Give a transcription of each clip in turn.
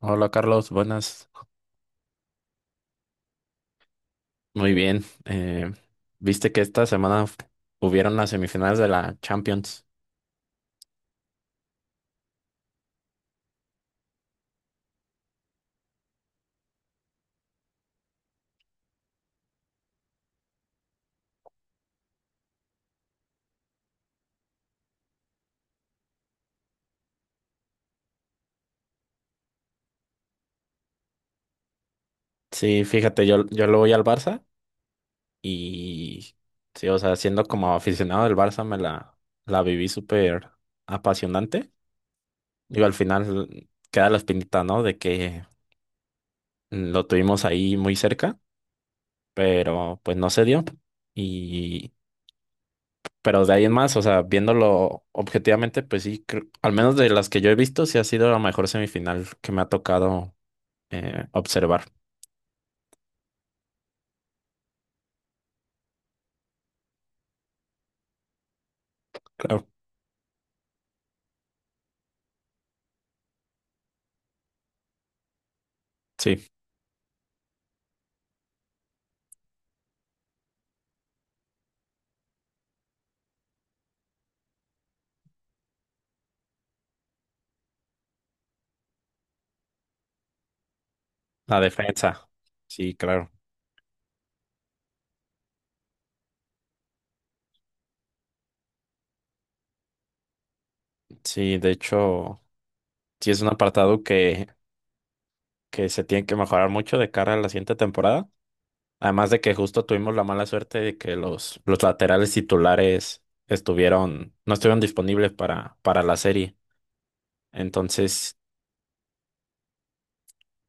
Hola Carlos, buenas. Muy bien. ¿Viste que esta semana hubieron las semifinales de la Champions? Sí, fíjate, yo le voy al Barça y sí, o sea, siendo como aficionado del Barça la viví súper apasionante. Digo, al final queda la espinita, ¿no? De que lo tuvimos ahí muy cerca, pero pues no se dio. Pero de ahí en más, o sea, viéndolo objetivamente, pues sí, al menos de las que yo he visto, sí ha sido la mejor semifinal que me ha tocado observar. Claro, sí, la defensa. Sí, claro. Sí, de hecho, sí es un apartado que se tiene que mejorar mucho de cara a la siguiente temporada. Además de que justo tuvimos la mala suerte de que los laterales titulares no estuvieron disponibles para la serie. Entonces,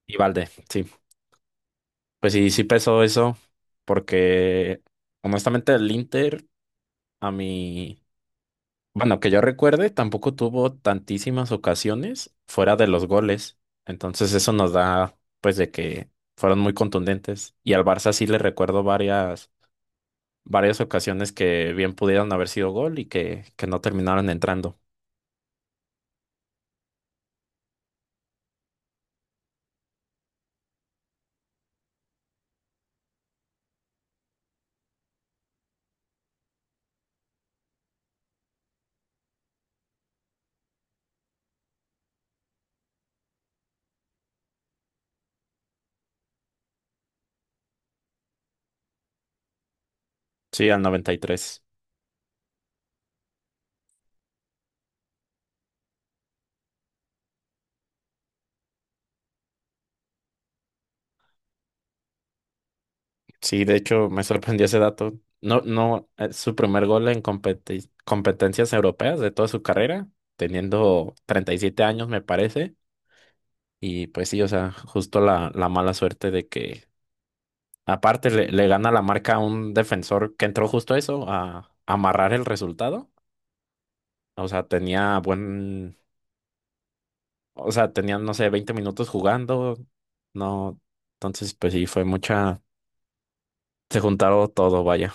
y Valde, sí. Pues sí, sí pesó eso, porque honestamente el Inter, a mí, bueno, que yo recuerde, tampoco tuvo tantísimas ocasiones fuera de los goles. Entonces eso nos da, pues, de que fueron muy contundentes. Y al Barça sí le recuerdo varias ocasiones que bien pudieron haber sido gol que no terminaron entrando. Sí, al 93. Sí, de hecho me sorprendió ese dato. No, no, su primer gol en competencias europeas de toda su carrera, teniendo 37 años me parece. Y pues sí, o sea, justo la mala suerte de que aparte le gana la marca a un defensor que entró justo eso, a amarrar el resultado. O sea, o sea, tenían, no sé, 20 minutos jugando. No, entonces pues sí, se juntaron todo, vaya.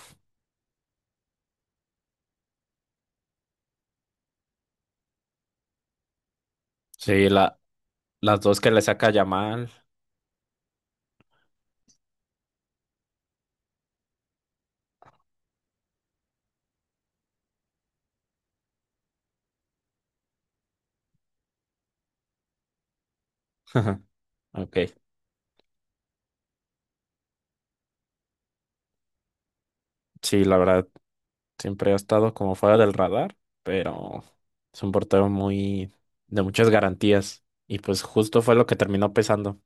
Sí, la, las dos que le saca Yamal. Ajá. Ok, sí, la verdad, siempre ha estado como fuera del radar, pero es un portero muy de muchas garantías y pues justo fue lo que terminó pesando.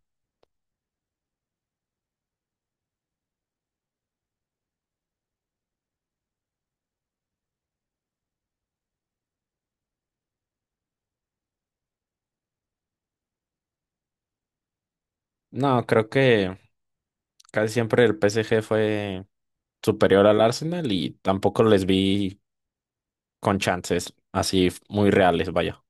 No, creo que casi siempre el PSG fue superior al Arsenal y tampoco les vi con chances así muy reales, vaya.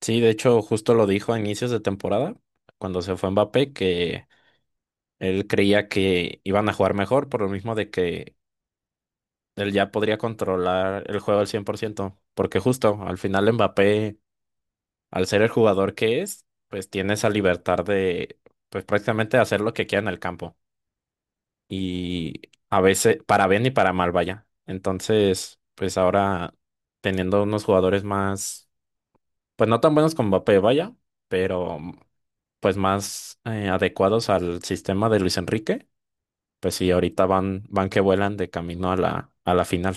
Sí, de hecho, justo lo dijo a inicios de temporada, cuando se fue Mbappé, que él creía que iban a jugar mejor por lo mismo de que él ya podría controlar el juego al 100 por ciento, porque justo al final Mbappé, al ser el jugador que es, pues tiene esa libertad de, pues prácticamente hacer lo que quiera en el campo. Y a veces, para bien y para mal, vaya. Entonces, pues ahora teniendo unos jugadores más, pues no tan buenos como Mbappé, vaya, pero pues más adecuados al sistema de Luis Enrique, pues sí, ahorita van que vuelan de camino a a la final.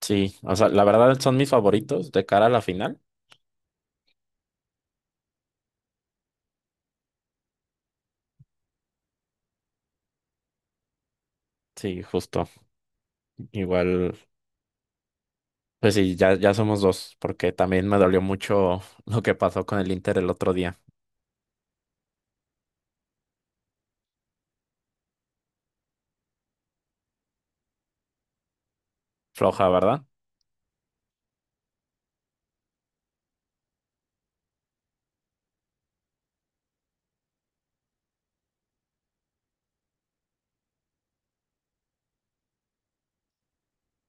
Sí, o sea, la verdad son mis favoritos de cara a la final. Sí, justo. Igual, pues sí, ya somos dos, porque también me dolió mucho lo que pasó con el Inter el otro día. Floja, ¿verdad?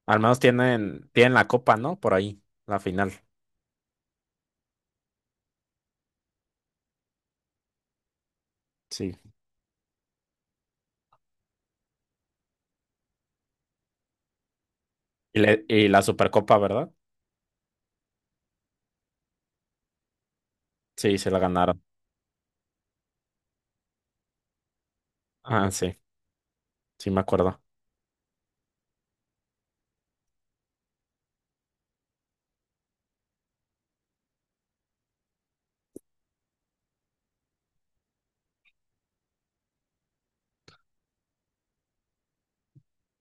Al menos tienen la copa, ¿no? Por ahí, la final. Sí. Y, y la Supercopa, ¿verdad? Sí, se la ganaron. Ah, sí, sí me acuerdo.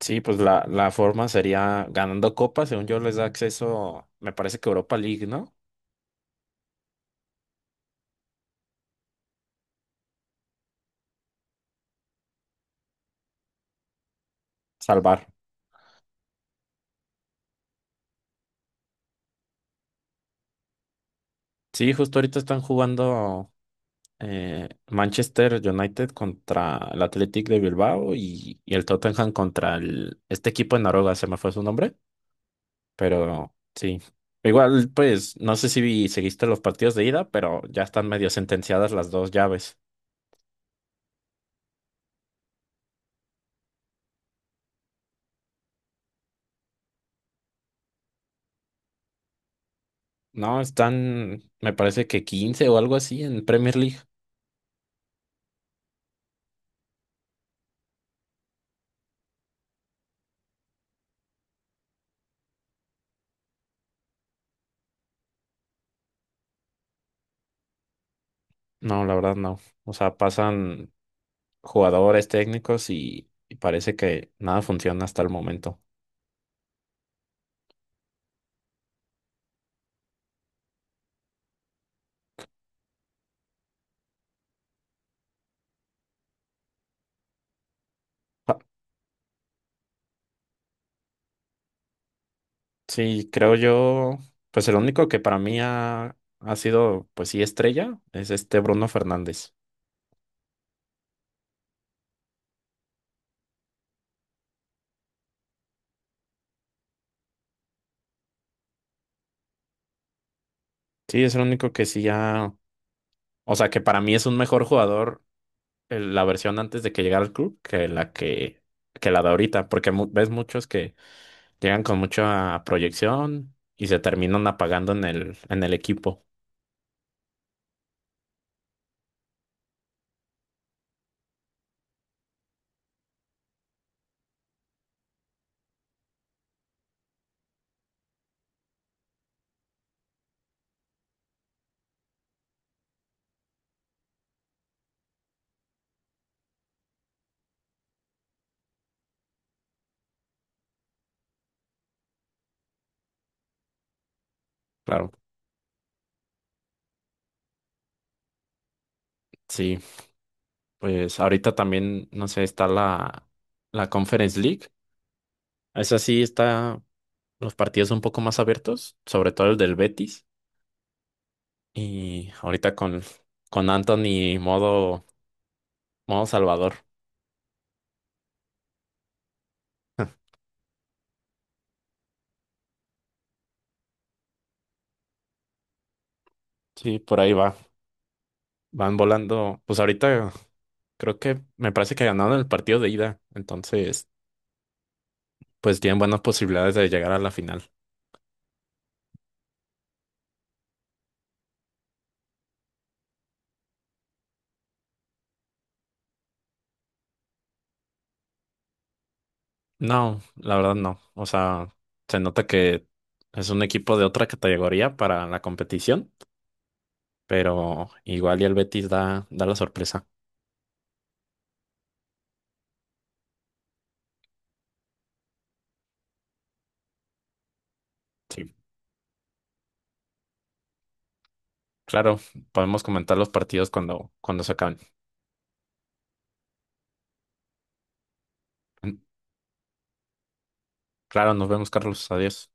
Sí, pues la forma sería ganando copa, según yo les da acceso, me parece que Europa League, ¿no? Salvar. Sí, justo ahorita están jugando. Manchester United contra el Athletic de Bilbao y el Tottenham contra el, este equipo de Noruega, se me fue su nombre, pero sí. Igual, pues, no sé si seguiste los partidos de ida, pero ya están medio sentenciadas las dos llaves. No, están, me parece que 15 o algo así en Premier League. No, la verdad no. O sea, pasan jugadores técnicos y parece que nada funciona hasta el momento. Sí, creo yo, pues el único que para mí ha sido, pues sí, estrella, es este Bruno Fernández. Sí, es el único que sí ha, o sea, que para mí es un mejor jugador la versión antes de que llegara al club que que la de ahorita, porque ves muchos que llegan con mucha proyección y se terminan apagando en en el equipo. Claro, sí, pues ahorita también, no sé, está la, la Conference League. Esa sí está. Los partidos un poco más abiertos, sobre todo el del Betis. Y ahorita con Anthony modo, modo Salvador. Sí, por ahí va. Van volando. Pues ahorita creo que me parece que ganaron el partido de ida. Entonces, pues tienen buenas posibilidades de llegar a la final. No, la verdad no. O sea, se nota que es un equipo de otra categoría para la competición, pero igual y el Betis da, da la sorpresa. Sí. Claro, podemos comentar los partidos cuando se acaben. Claro, nos vemos, Carlos. Adiós.